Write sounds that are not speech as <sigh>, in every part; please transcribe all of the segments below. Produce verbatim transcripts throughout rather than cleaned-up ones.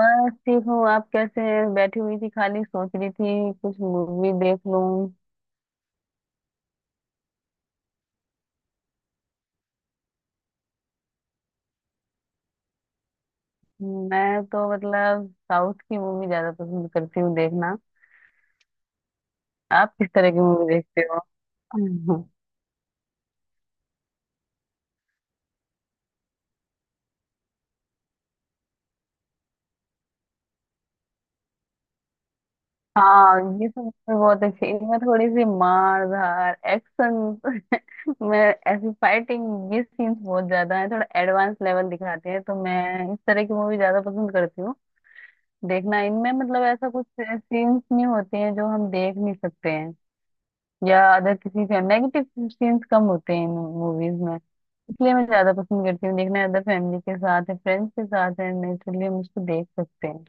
बस ठीक हूँ। आप कैसे हैं? बैठी हुई थी, खाली सोच रही थी कुछ मूवी देख लूं। मैं तो मतलब साउथ की मूवी ज्यादा पसंद करती हूँ देखना। आप किस तरह की मूवी देखते हो? हम्म। हाँ, ये सब movie बहुत अच्छी, इनमें थोड़ी सी मार धार एक्शन <laughs> मैं ऐसी फाइटिंग ये सीन्स बहुत ज्यादा है। थोड़ा एडवांस लेवल दिखाते हैं, तो मैं इस तरह की मूवी ज्यादा पसंद करती हूँ देखना। इनमें मतलब ऐसा कुछ सीन्स नहीं होते हैं जो हम देख नहीं सकते हैं, या अदर किसी फैमिली नेगेटिव सीन्स कम होते हैं इन मूवीज में। इसलिए मैं ज्यादा पसंद करती हूँ देखना, अदर फैमिली के साथ है फ्रेंड्स के साथ है, नेचुरली हम उसको देख सकते हैं।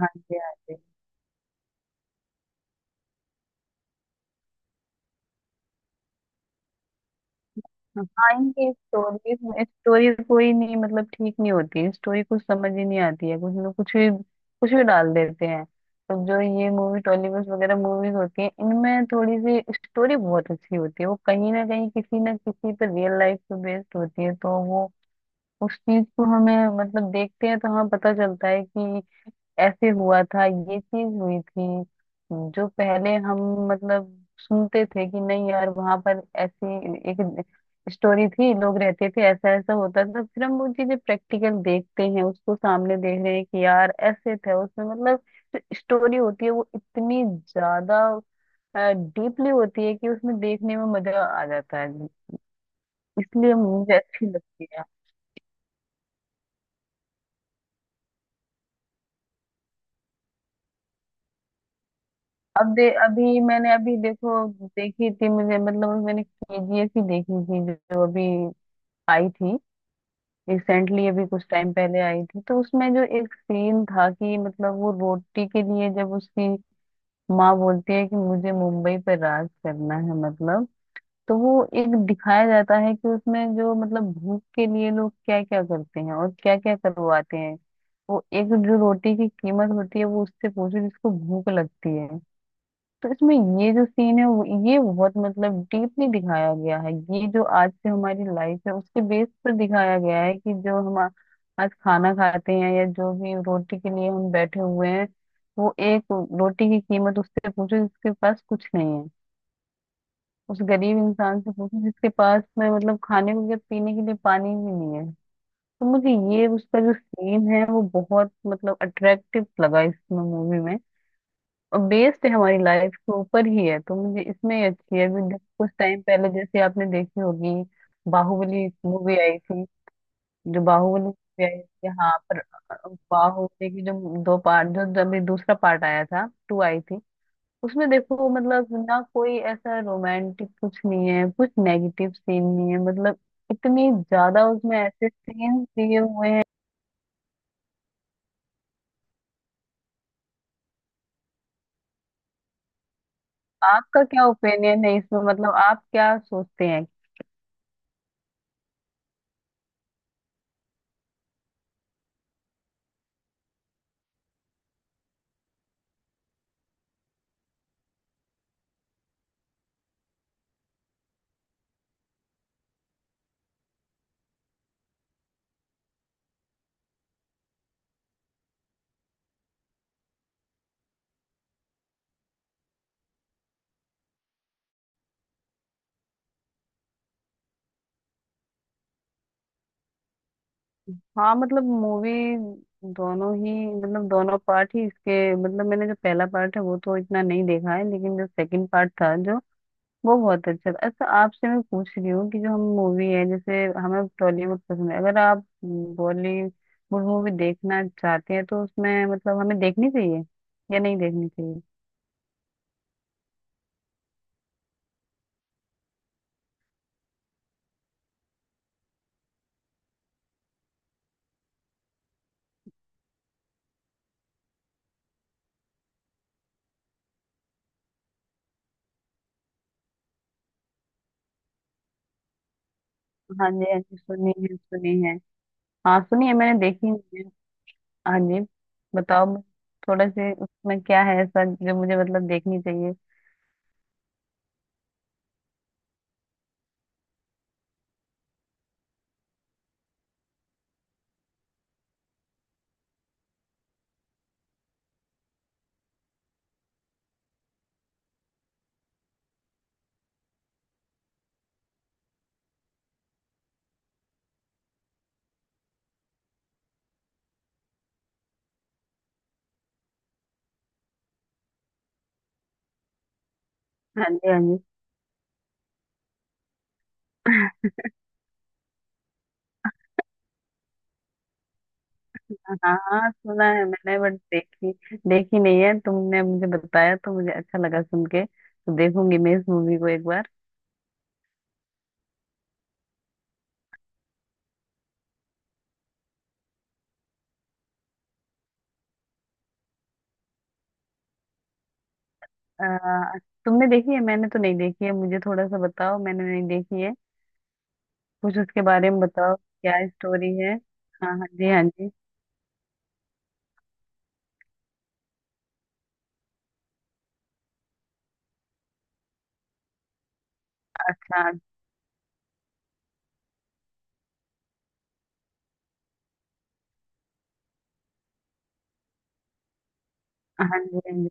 हाँ जी, हाँ जी। हाँ, इनकी स्टोरीज में स्टोरी कोई नहीं, मतलब ठीक नहीं होती, स्टोरी कुछ समझ ही नहीं आती है, कुछ लोग कुछ भी कुछ भी डाल देते हैं। तो जो ये मूवी टॉलीवुड वगैरह मूवीज होती हैं इनमें थोड़ी सी स्टोरी बहुत अच्छी होती है, वो कहीं ना कहीं किसी ना किसी पर रियल लाइफ पे बेस्ड होती है, तो वो उस चीज को हमें मतलब देखते हैं तो हमें पता चलता है कि ऐसे हुआ था, ये चीज हुई थी। जो पहले हम मतलब सुनते थे कि नहीं यार, वहां पर ऐसी एक स्टोरी थी, लोग रहते थे, ऐसा ऐसा होता था। फिर हम वो चीजें प्रैक्टिकल देखते हैं, उसको सामने देख रहे हैं कि यार ऐसे थे, उसमें मतलब जो स्टोरी होती है वो इतनी ज्यादा डीपली होती है कि उसमें देखने में मजा आ जाता है, इसलिए मुझे अच्छी लगती है। अब दे अभी मैंने अभी देखो देखी थी, मुझे मतलब अभी मैंने के जी एफ ही देखी थी जो जो अभी आई थी। रिसेंटली अभी कुछ टाइम पहले आई थी, तो उसमें जो एक सीन था कि मतलब वो रोटी के लिए जब उसकी माँ बोलती है कि मुझे मुंबई पर राज करना है, मतलब तो वो एक दिखाया जाता है कि उसमें जो मतलब भूख के लिए लोग क्या क्या करते हैं और क्या क्या करवाते हैं। वो एक जो रोटी की कीमत होती है वो उससे पूछो जिसको भूख लगती है, सच में। ये जो सीन है वो- ये बहुत मतलब डीपली दिखाया गया है, ये जो आज से हमारी लाइफ है उसके बेस पर दिखाया गया है कि जो हम आ- आज खाना खाते हैं या जो भी रोटी के लिए हम बैठे हुए हैं। वो एक रोटी की कीमत उससे पूछो जिसके पास कुछ नहीं है, उस गरीब इंसान से पूछो जिसके पास में मतलब खाने को या पीने के लिए पानी भी नहीं है। तो मुझे ये उसका जो सीन है वो बहुत मतलब अट्रैक्टिव लगा इस मूवी में। बेस्ड है हमारी लाइफ के ऊपर ही है, तो मुझे इसमें ही अच्छी है। अभी कुछ टाइम पहले जैसे आपने देखी होगी बाहुबली मूवी आई थी। जो बाहुबली मूवी आई थी, हाँ पर बाहुबली की जो दो पार्ट, जो जो अभी दूसरा पार्ट आया था, टू आई थी। उसमें देखो मतलब ना कोई ऐसा रोमांटिक कुछ नहीं है, कुछ नेगेटिव सीन नहीं है, मतलब इतनी ज्यादा उसमें ऐसे सीन दिए हुए हैं। आपका क्या ओपिनियन है इसमें, मतलब आप क्या सोचते हैं? हाँ मतलब मूवी दोनों ही, मतलब दोनों पार्ट ही इसके, मतलब मैंने जो पहला पार्ट है वो तो इतना नहीं देखा है, लेकिन जो सेकंड पार्ट था जो वो बहुत अच्छा था। अच्छा, आपसे मैं पूछ रही हूँ कि जो हम मूवी है जैसे हमें टॉलीवुड पसंद है, अगर आप बॉलीवुड मूवी देखना चाहते हैं तो उसमें मतलब हमें देखनी चाहिए या नहीं देखनी चाहिए? हाँ जी, हाँ जी, सुनी है, सुनी है। हाँ सुनी है, मैंने देखी नहीं है। हाँ जी, बताओ। थोड़ा से उसमें क्या है ऐसा जो मुझे मतलब देखनी चाहिए? हाँ जी हाँ जी। हाँ हाँ, सुना है मैंने, बट देखी, देखी नहीं है। तुमने मुझे बताया तो मुझे अच्छा लगा, सुन के तो देखूंगी मैं इस मूवी को एक बार। आ, तुमने देखी है? मैंने तो नहीं देखी है, मुझे थोड़ा सा बताओ, मैंने नहीं देखी है। कुछ उसके बारे में बताओ, क्या स्टोरी है? हाँ हाँ जी, हाँ जी। हाँ, हाँ जी, हाँ जी,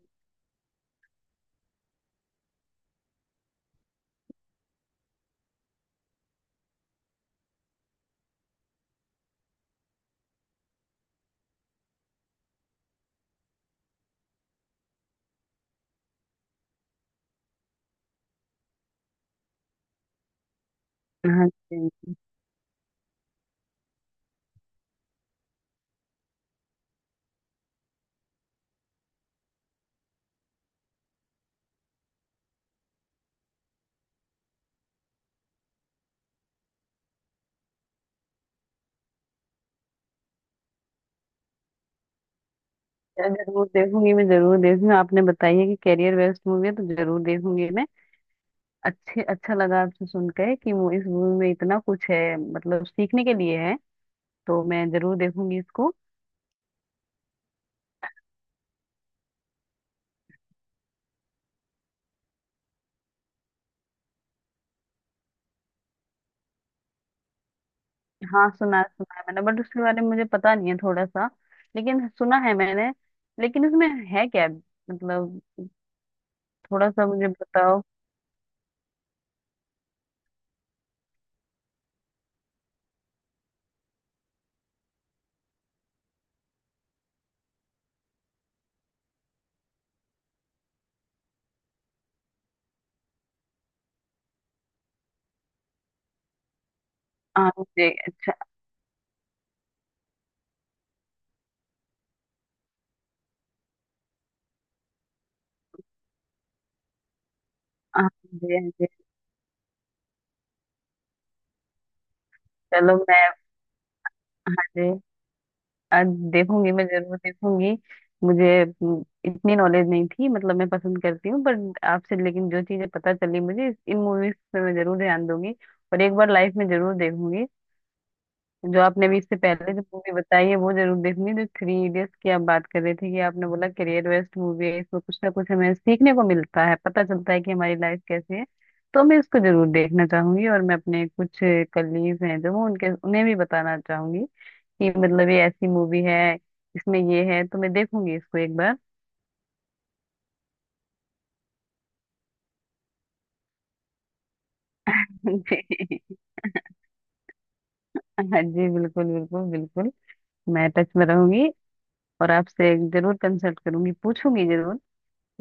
हाँ जी, हाँ जी। जरूर देखूंगी, मैं जरूर देखूंगी, आपने बताई है कि कैरियर वेस्ट मूवी है तो जरूर देखूंगी मैं। अच्छे, अच्छा लगा आपसे सुन के कि मु- इस मूवी में इतना कुछ है, मतलब सीखने के लिए है, तो मैं जरूर देखूंगी इसको। हाँ, सुना है सुना है मैंने, बट उसके बारे में मुझे पता नहीं है थोड़ा सा, लेकिन सुना है मैंने, लेकिन इसमें है क्या, मतलब थोड़ा सा मुझे बताओ? हाँ जी, अच्छा, हाँ जी, हाँ जी। चलो मैं, मुझे आज देखूंगी, मैं जरूर देखूंगी। मुझे हम्म, इतनी नॉलेज नहीं थी, मतलब मैं पसंद करती हूँ, बट आपसे लेकिन जो चीजें पता चली मुझे इस- इन मूवीज पे मैं जरूर ध्यान दूंगी, और एक बार लाइफ में जरूर देखूंगी। जो आपने अभी इससे पहले जो मूवी बताई है वो जरूर देखनी है, जो थ्री इडियट्स की आप बात कर रहे थे कि आपने बोला करियर वेस्ट मूवी है, इसमें कुछ ना कुछ हमें सीखने को मिलता है, पता चलता है कि हमारी लाइफ कैसी है। तो मैं इसको जरूर देखना चाहूंगी, और मैं अपने कुछ कलीग्स हैं जो वो उनके उन्हें भी बताना चाहूंगी कि मतलब ये ऐसी मूवी है, इसमें ये है, तो मैं देखूंगी इसको एक बार। <laughs> जी। हाँ जी, बिल्कुल बिल्कुल बिल्कुल, मैं टच में रहूंगी, और आपसे जरूर कंसल्ट करूंगी, पूछूंगी जरूर,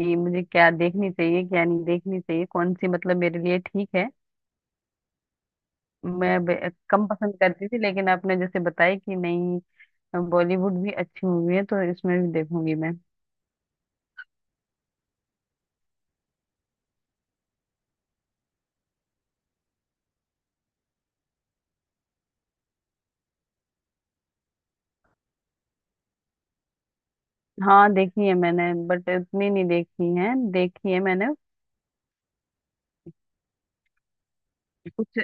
कि मुझे क्या देखनी चाहिए क्या नहीं देखनी चाहिए, कौन सी मतलब मेरे लिए ठीक है। मैं बे- कम पसंद करती थी, लेकिन आपने जैसे बताया कि नहीं, बॉलीवुड भी अच्छी मूवी है, तो इसमें भी देखूंगी मैं। हाँ देखी है मैंने, बट उतनी नहीं देखी है, देखी है मैंने कुछ।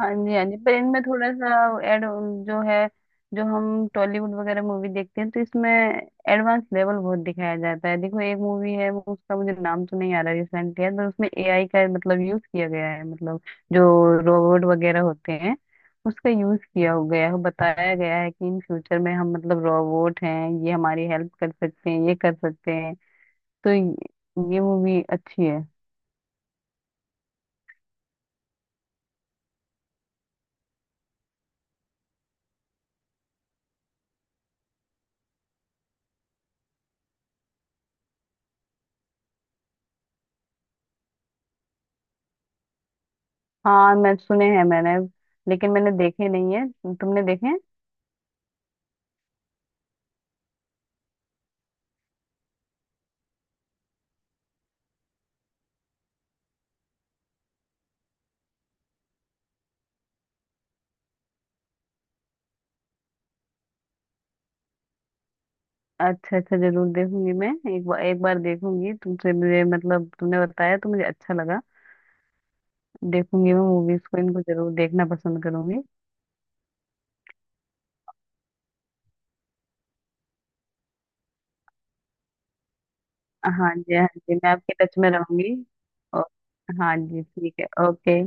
हाँ जी हाँ जी, पर इनमें थोड़ा सा एड जो है, जो हम टॉलीवुड वगैरह मूवी देखते हैं तो इसमें एडवांस लेवल बहुत दिखाया जाता है। देखो एक मूवी है वो, उसका मुझे नाम तो नहीं आ रहा, रिसेंटली है, पर उसमें ए आई का मतलब यूज किया गया है, मतलब जो रोबोट वगैरह होते हैं उसका यूज किया हो गया है। बताया गया है कि इन फ्यूचर में हम मतलब रोबोट हैं, ये हमारी हेल्प कर सकते हैं ये कर सकते हैं, तो ये, ये मूवी अच्छी है। हाँ मैं सुने हैं मैंने, लेकिन मैंने देखे नहीं है, तुमने देखे हैं? अच्छा अच्छा, जरूर देखूंगी मैं एक बार, एक बार देखूंगी। तुमसे मुझे मतलब तुमने बताया तो मुझे अच्छा लगा, देखूंगी मैं मूवीज को इनको जरूर देखना पसंद करूंगी। हाँ जी हाँ जी, मैं आपके टच में रहूंगी और। हाँ जी ठीक है, ओके।